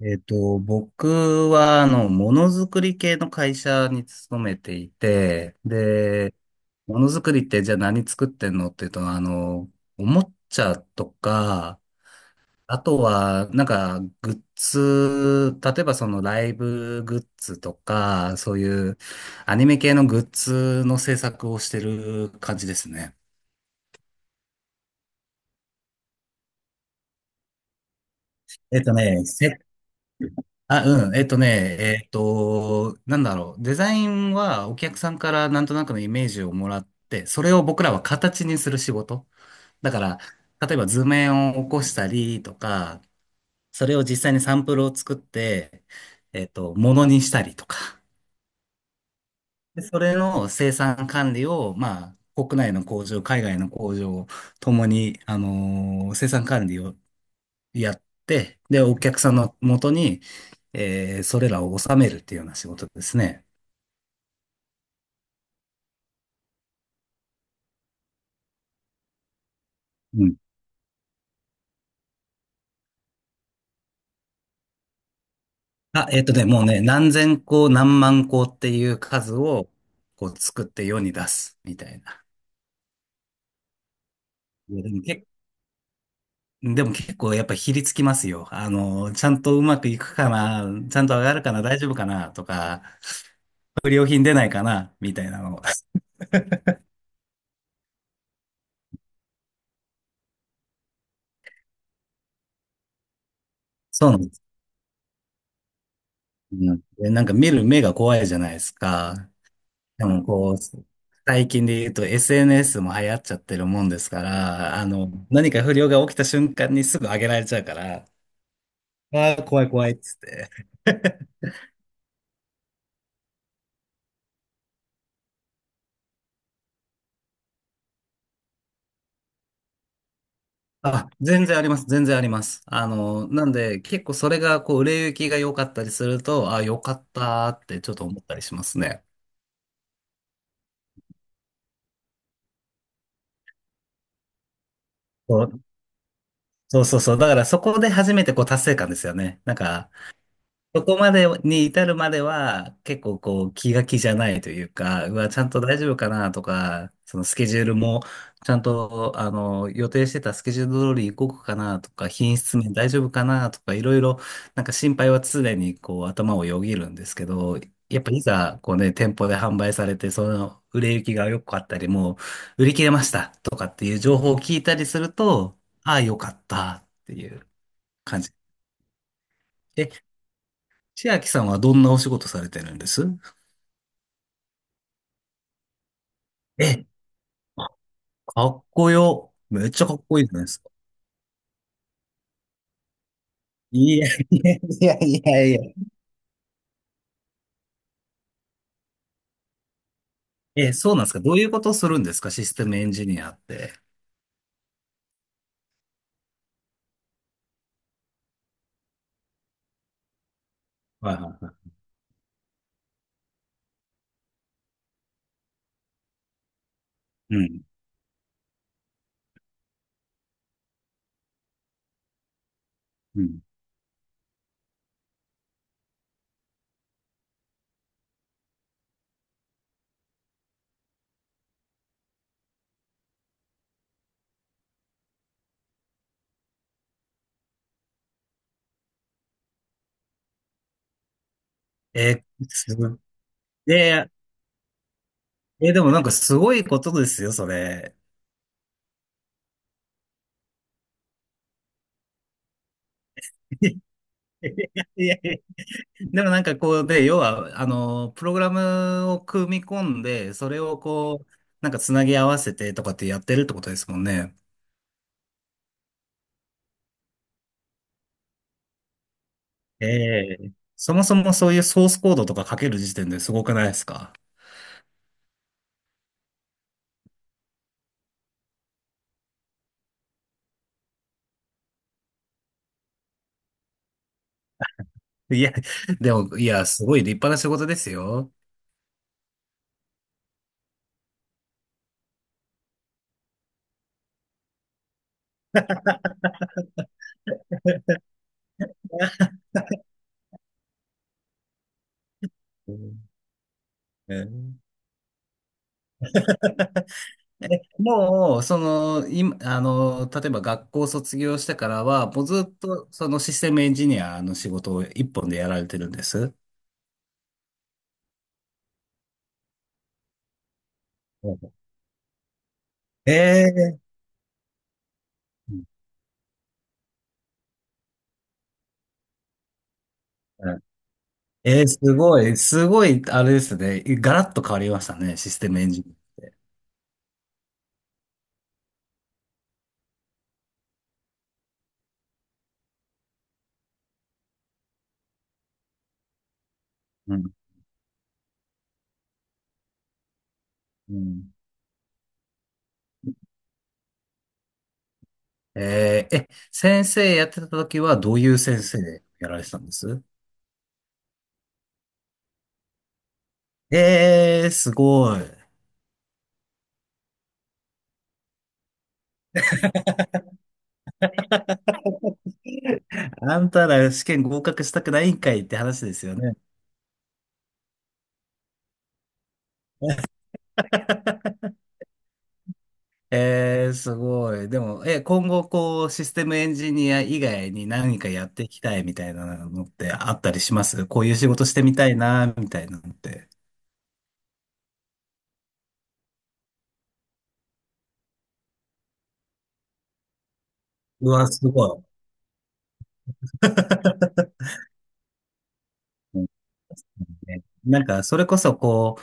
僕は、ものづくり系の会社に勤めていて、で、ものづくりってじゃあ何作ってんのっていうと、おもちゃとか、あとは、グッズ、例えばそのライブグッズとか、そういうアニメ系のグッズの制作をしてる感じですね。えっとね、世あ、うん。えっとね、えっと、なんだろう。デザインはお客さんからなんとなくのイメージをもらって、それを僕らは形にする仕事。だから、例えば図面を起こしたりとか、それを実際にサンプルを作って、ものにしたりとか。で、それの生産管理を、まあ、国内の工場、海外の工場ともに、生産管理をやって、で、お客さんの元に、それらを収めるっていうような仕事ですね。うん。あ、もうね、何千個、何万個っていう数を、こう作って世に出す、みたいな。いや、でも結構やっぱひりつきますよ。ちゃんとうまくいくかな、ちゃんと上がるかな、大丈夫かな、とか、不良品出ないかな、みたいなの。そうなんです。うん、でなんか見る目が怖いじゃないですか。でもこう、最近で言うと SNS も流行っちゃってるもんですから、何か不良が起きた瞬間にすぐ上げられちゃうから、ああ、怖い怖いっつって。あ、全然あります、全然あります。なんで、結構それが、こう、売れ行きが良かったりすると、あ、良かったってちょっと思ったりしますね。そう、そうそうそう。だからそこで初めてこう達成感ですよね。なんか、そこまでに至るまでは、結構こう気が気じゃないというか、うわ、ちゃんと大丈夫かなとか、そのスケジュールも、ちゃんと、予定してたスケジュール通り動くかなとか、品質面大丈夫かなとか、いろいろ、なんか心配は常にこう頭をよぎるんですけど、やっぱいざ、こうね、店舗で販売されて、その売れ行きが良かったり、もう売り切れましたとかっていう情報を聞いたりすると、ああ、良かったっていう感じ。千秋さんはどんなお仕事されてるんです？え、かっこよ。めっちゃかっこいいじゃないですか。いやいやいやいやいや。え、そうなんですか？どういうことするんですか？システムエンジニアって。はいはいはい。うん。うん。え、すごい。で、でもなんかすごいことですよ、それ。いやいやいや、でもなんかこうで、要は、プログラムを組み込んで、それをこう、なんかつなぎ合わせてとかってやってるってことですもんね。ええ。そもそもそういうソースコードとか書ける時点ですごくないですか？いや、でも、いや、すごい立派な仕事ですよ。うん、ええ、もう、その、今、例えば学校卒業してからは、もうずっと、そのシステムエンジニアの仕事を一本でやられてるんです？うん、ええ、うん、ええ、すごい、すごい、あれですね。ガラッと変わりましたね、システムエンジニア。うん。うん、えーえ、先生やってた時はどういう先生でやられてたんです？ええー、すごい。あんたら試験合格したくないんかいって話ですよね。ええー、すごい。でも、今後こう、システムエンジニア以外に何かやっていきたいみたいなのってあったりします？こういう仕事してみたいな、みたいなのって。うわ、すごい。うんね、なんか、それこそこ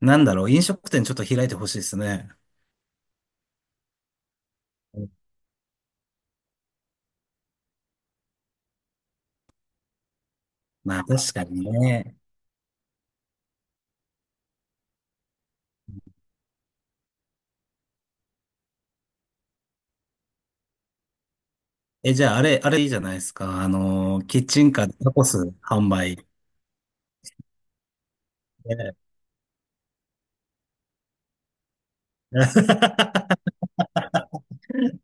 う、なんだろう、飲食店ちょっと開いてほしいですね。まあ確かにね。え、じゃあ、あれいいじゃないですか。キッチンカーでタコス販売。ね。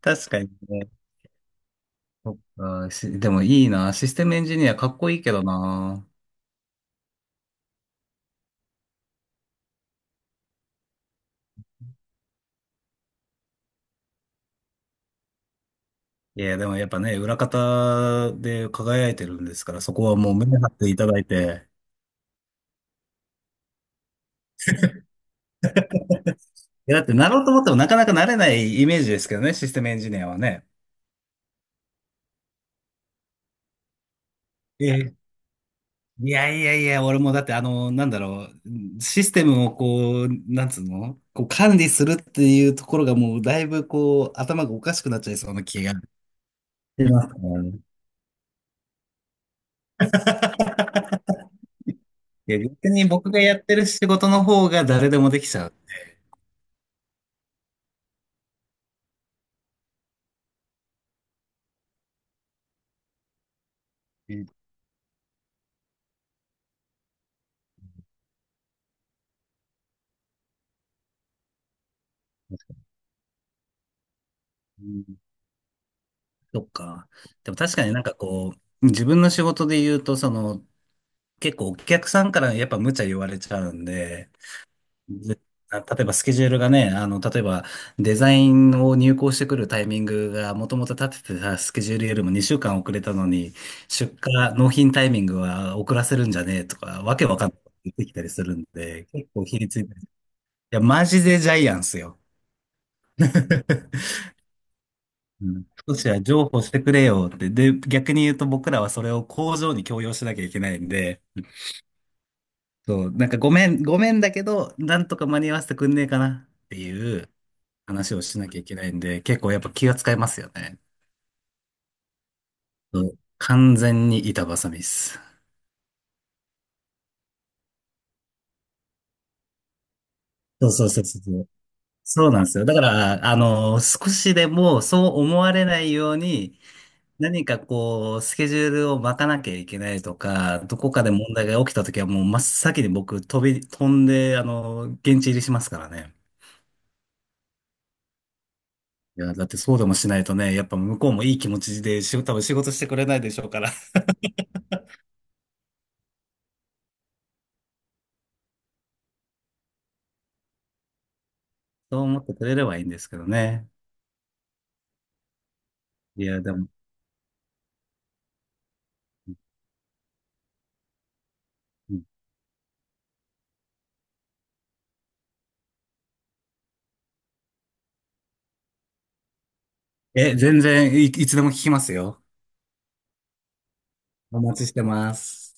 確かにね。そっか、でもいいな。システムエンジニアかっこいいけどな。いや、でもやっぱね、裏方で輝いてるんですから、そこはもう目張っていただいて。いや、だってなろうと思ってもなかなかなれないイメージですけどね、システムエンジニアはね。えいやいやいや、俺もだってなんだろう、システムをこう、なんつうのこう管理するっていうところがもうだいぶこう、頭がおかしくなっちゃいそうな気がしてますね。いや、逆に僕がやってる仕事の方が誰でもできちゃう。うん、そっか。でも確かになんかこう、自分の仕事で言うと、結構お客さんからやっぱ無茶言われちゃうんで、ぜ例えばスケジュールがね、例えばデザインを入稿してくるタイミングがもともと立ててたスケジュールよりも2週間遅れたのに、出荷、納品タイミングは遅らせるんじゃねえとか、わけわかんないこと言ってきたりするんで、結構ひりついてる。いや、マジでジャイアンスよ。うん、少しは譲歩してくれよって。で、逆に言うと僕らはそれを工場に強要しなきゃいけないんで、そう、なんかごめん、ごめんだけど、なんとか間に合わせてくんねえかなっていう。話をしなきゃいけないんで、結構やっぱ気が使いますよね。そう、完全に板挟みっす。そうそうそうそう。そうなんですよ。だから、少しでもそう思われないように、何かこう、スケジュールを巻かなきゃいけないとか、どこかで問題が起きたときはもう真っ先に僕飛んで、現地入りしますからね。いや、だってそうでもしないとね、やっぱ向こうもいい気持ちで仕事、多分仕事してくれないでしょうから。そう思ってくれればいいんですけどね。いや、でも。え、全然いつでも聞きますよ。お待ちしてます。